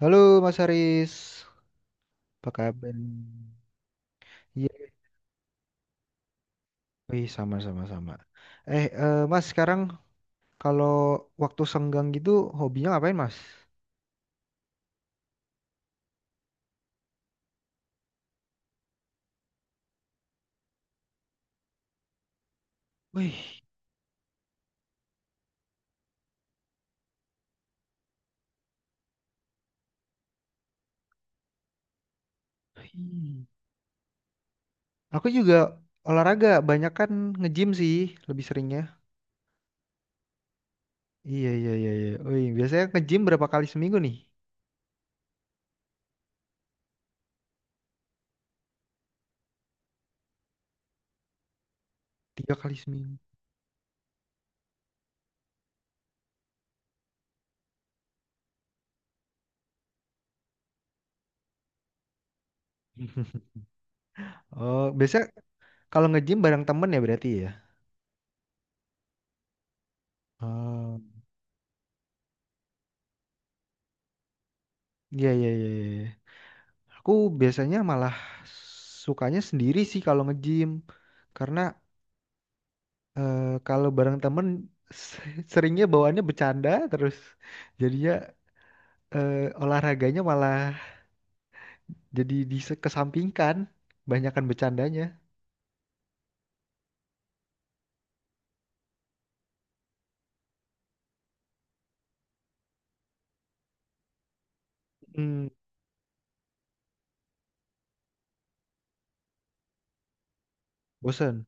Halo Mas Haris, apa kabar? Iya, wih sama-sama sama. Mas sekarang kalau waktu senggang gitu hobinya ngapain Mas? Wih, hmm. Aku juga olahraga, banyak kan nge-gym sih lebih seringnya. Iya iya iya iya. Wih, biasanya nge-gym berapa kali seminggu nih? 3 kali seminggu. Oh, biasanya kalau nge-gym bareng temen ya berarti ya? Oh, iya iya iya, iya. Aku biasanya malah sukanya sendiri sih kalau nge-gym. Karena eh, kalau bareng temen seringnya bawaannya bercanda terus jadinya olahraganya malah jadi dikesampingkan, banyakan bercandanya. Hmm, bosen.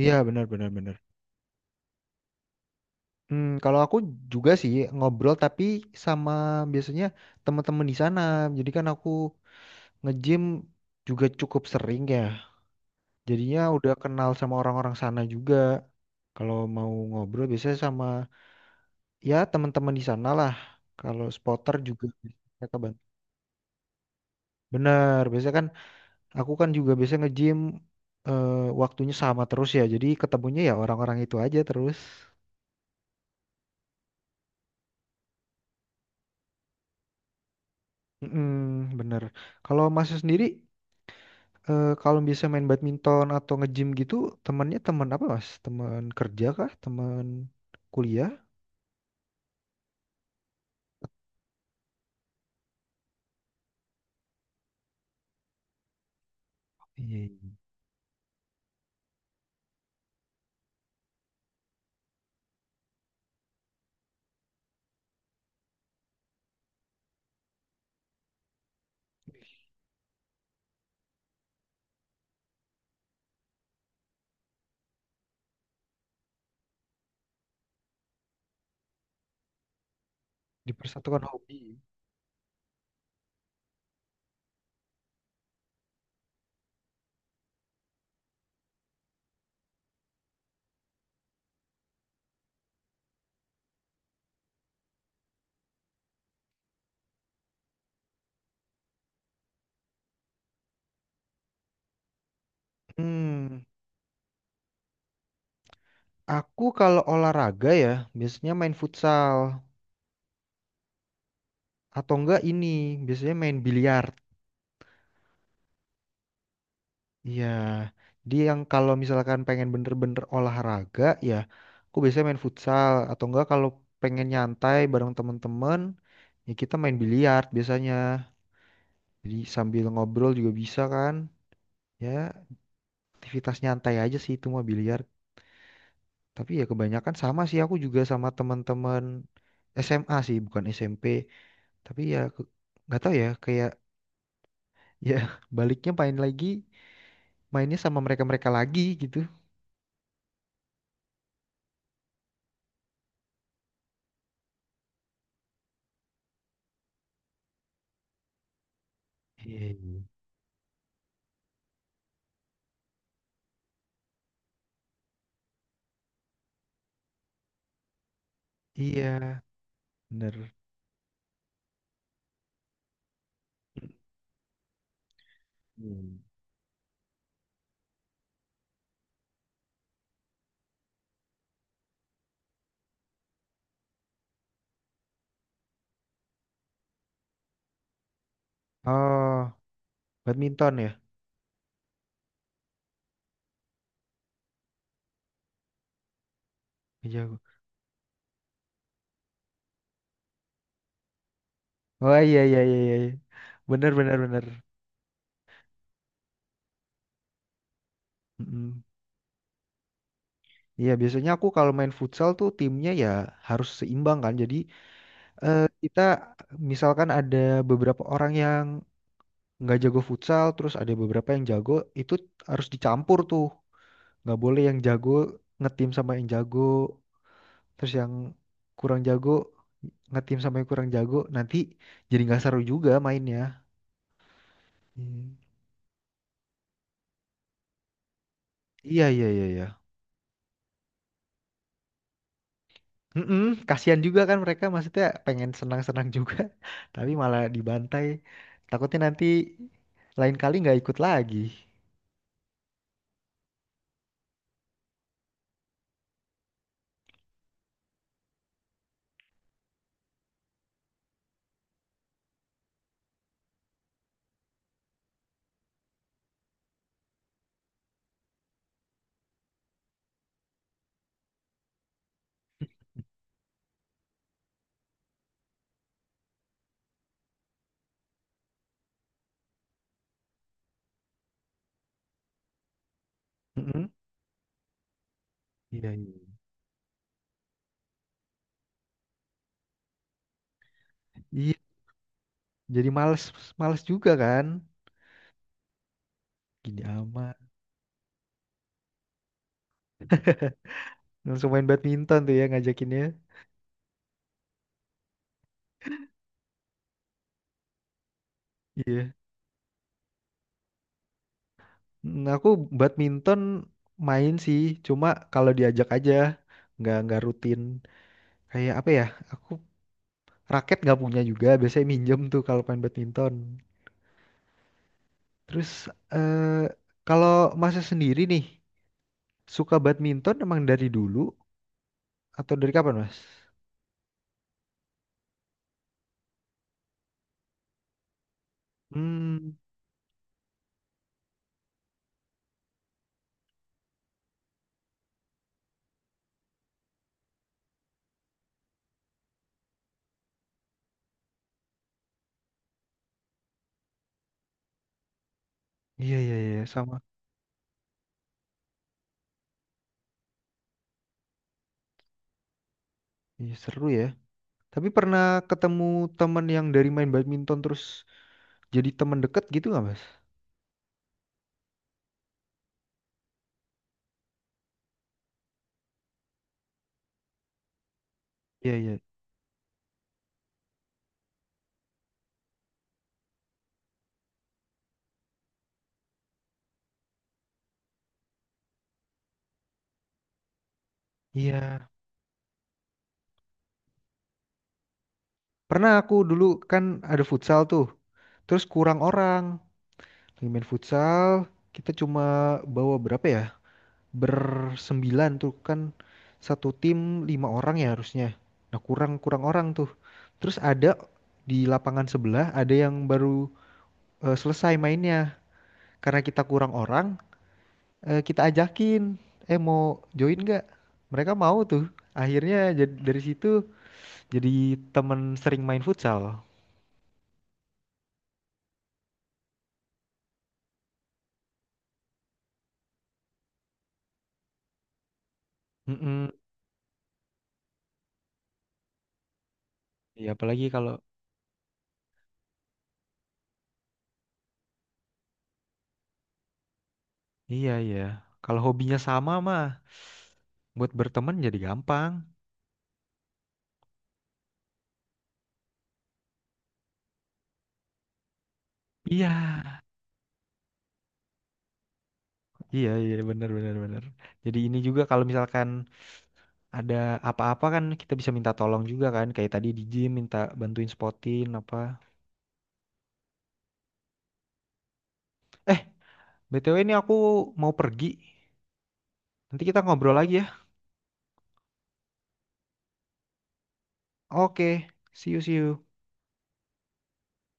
Iya benar benar benar. Hmm, kalau aku juga sih ngobrol tapi sama biasanya teman-teman di sana. Jadi kan aku nge-gym juga cukup sering ya. Jadinya udah kenal sama orang-orang sana juga. Kalau mau ngobrol biasanya sama ya teman-teman di sana lah. Kalau spotter juga biasanya kebantu. Bener, biasanya kan aku kan juga biasanya nge-gym eh, waktunya sama terus ya. Jadi ketemunya ya orang-orang itu aja terus. Mm-mm, bener. Kalau masnya sendiri kalau bisa main badminton atau nge-gym gitu, temennya teman apa mas? Teman kerja kah? Teman kuliah? Iya, iya. Dipersatukan hobi. Hmm, aku kalau olahraga ya biasanya main futsal. Atau enggak ini biasanya main biliar. Iya, dia yang kalau misalkan pengen bener-bener olahraga ya, aku biasanya main futsal atau enggak kalau pengen nyantai bareng temen-temen ya kita main biliar biasanya. Jadi sambil ngobrol juga bisa kan? Ya, aktivitas nyantai aja sih itu mah biliar. Tapi ya kebanyakan sama sih aku juga sama temen-temen SMA sih, bukan SMP. Tapi ya nggak tahu ya kayak ya baliknya main lagi, mainnya sama mereka-mereka lagi gitu. Iya, iya, iya, bener. Hmm. Oh, badminton ya? Iya. Oh, iya iya iya iya, iya. Bener bener bener. Mm-mm. Iya biasanya aku kalau main futsal tuh timnya ya harus seimbang kan. Jadi kita misalkan ada beberapa orang yang nggak jago futsal, terus ada beberapa yang jago, itu harus dicampur tuh. Nggak boleh yang jago ngetim sama yang jago, terus yang kurang jago ngetim sama yang kurang jago. Nanti jadi nggak seru juga mainnya. Hmm. Iya iya iya iya. Mm-mm, kasihan juga kan mereka maksudnya pengen senang-senang juga, tapi malah dibantai. Takutnya nanti lain kali nggak ikut lagi. Mm-mm. Iya iya. Iya, jadi males males juga kan. Gini amat. Langsung main badminton tuh ya ngajakinnya. Iya. Mm, aku badminton main sih, cuma kalau diajak aja nggak rutin. Kayak apa ya? Aku raket nggak punya juga, biasanya minjem tuh kalau main badminton. Terus eh, kalau Masnya sendiri nih suka badminton emang dari dulu atau dari kapan, Mas? Hmm, iya iya iya sama. Iya, seru ya. Tapi pernah ketemu temen yang dari main badminton terus jadi temen deket gitu nggak, Mas? Iya iya. Iya. Pernah aku dulu kan ada futsal tuh. Terus kurang orang. Lagi main futsal, kita cuma bawa berapa ya? Bersembilan tuh kan satu tim 5 orang ya harusnya. Nah kurang kurang orang tuh. Terus ada di lapangan sebelah ada yang baru selesai mainnya. Karena kita kurang orang, kita ajakin, mau join nggak? Mereka mau tuh. Akhirnya dari situ jadi temen sering main futsal. Mm-mm. Iya apalagi kalau iya iya kalau hobinya sama mah buat berteman jadi gampang. Iya. Iya, iya, benar, benar, benar. Jadi ini juga kalau misalkan ada apa-apa kan kita bisa minta tolong juga kan. Kayak tadi di gym minta bantuin spotin apa. Eh, BTW ini aku mau pergi. Nanti kita ngobrol lagi ya. Oke, see you, see you.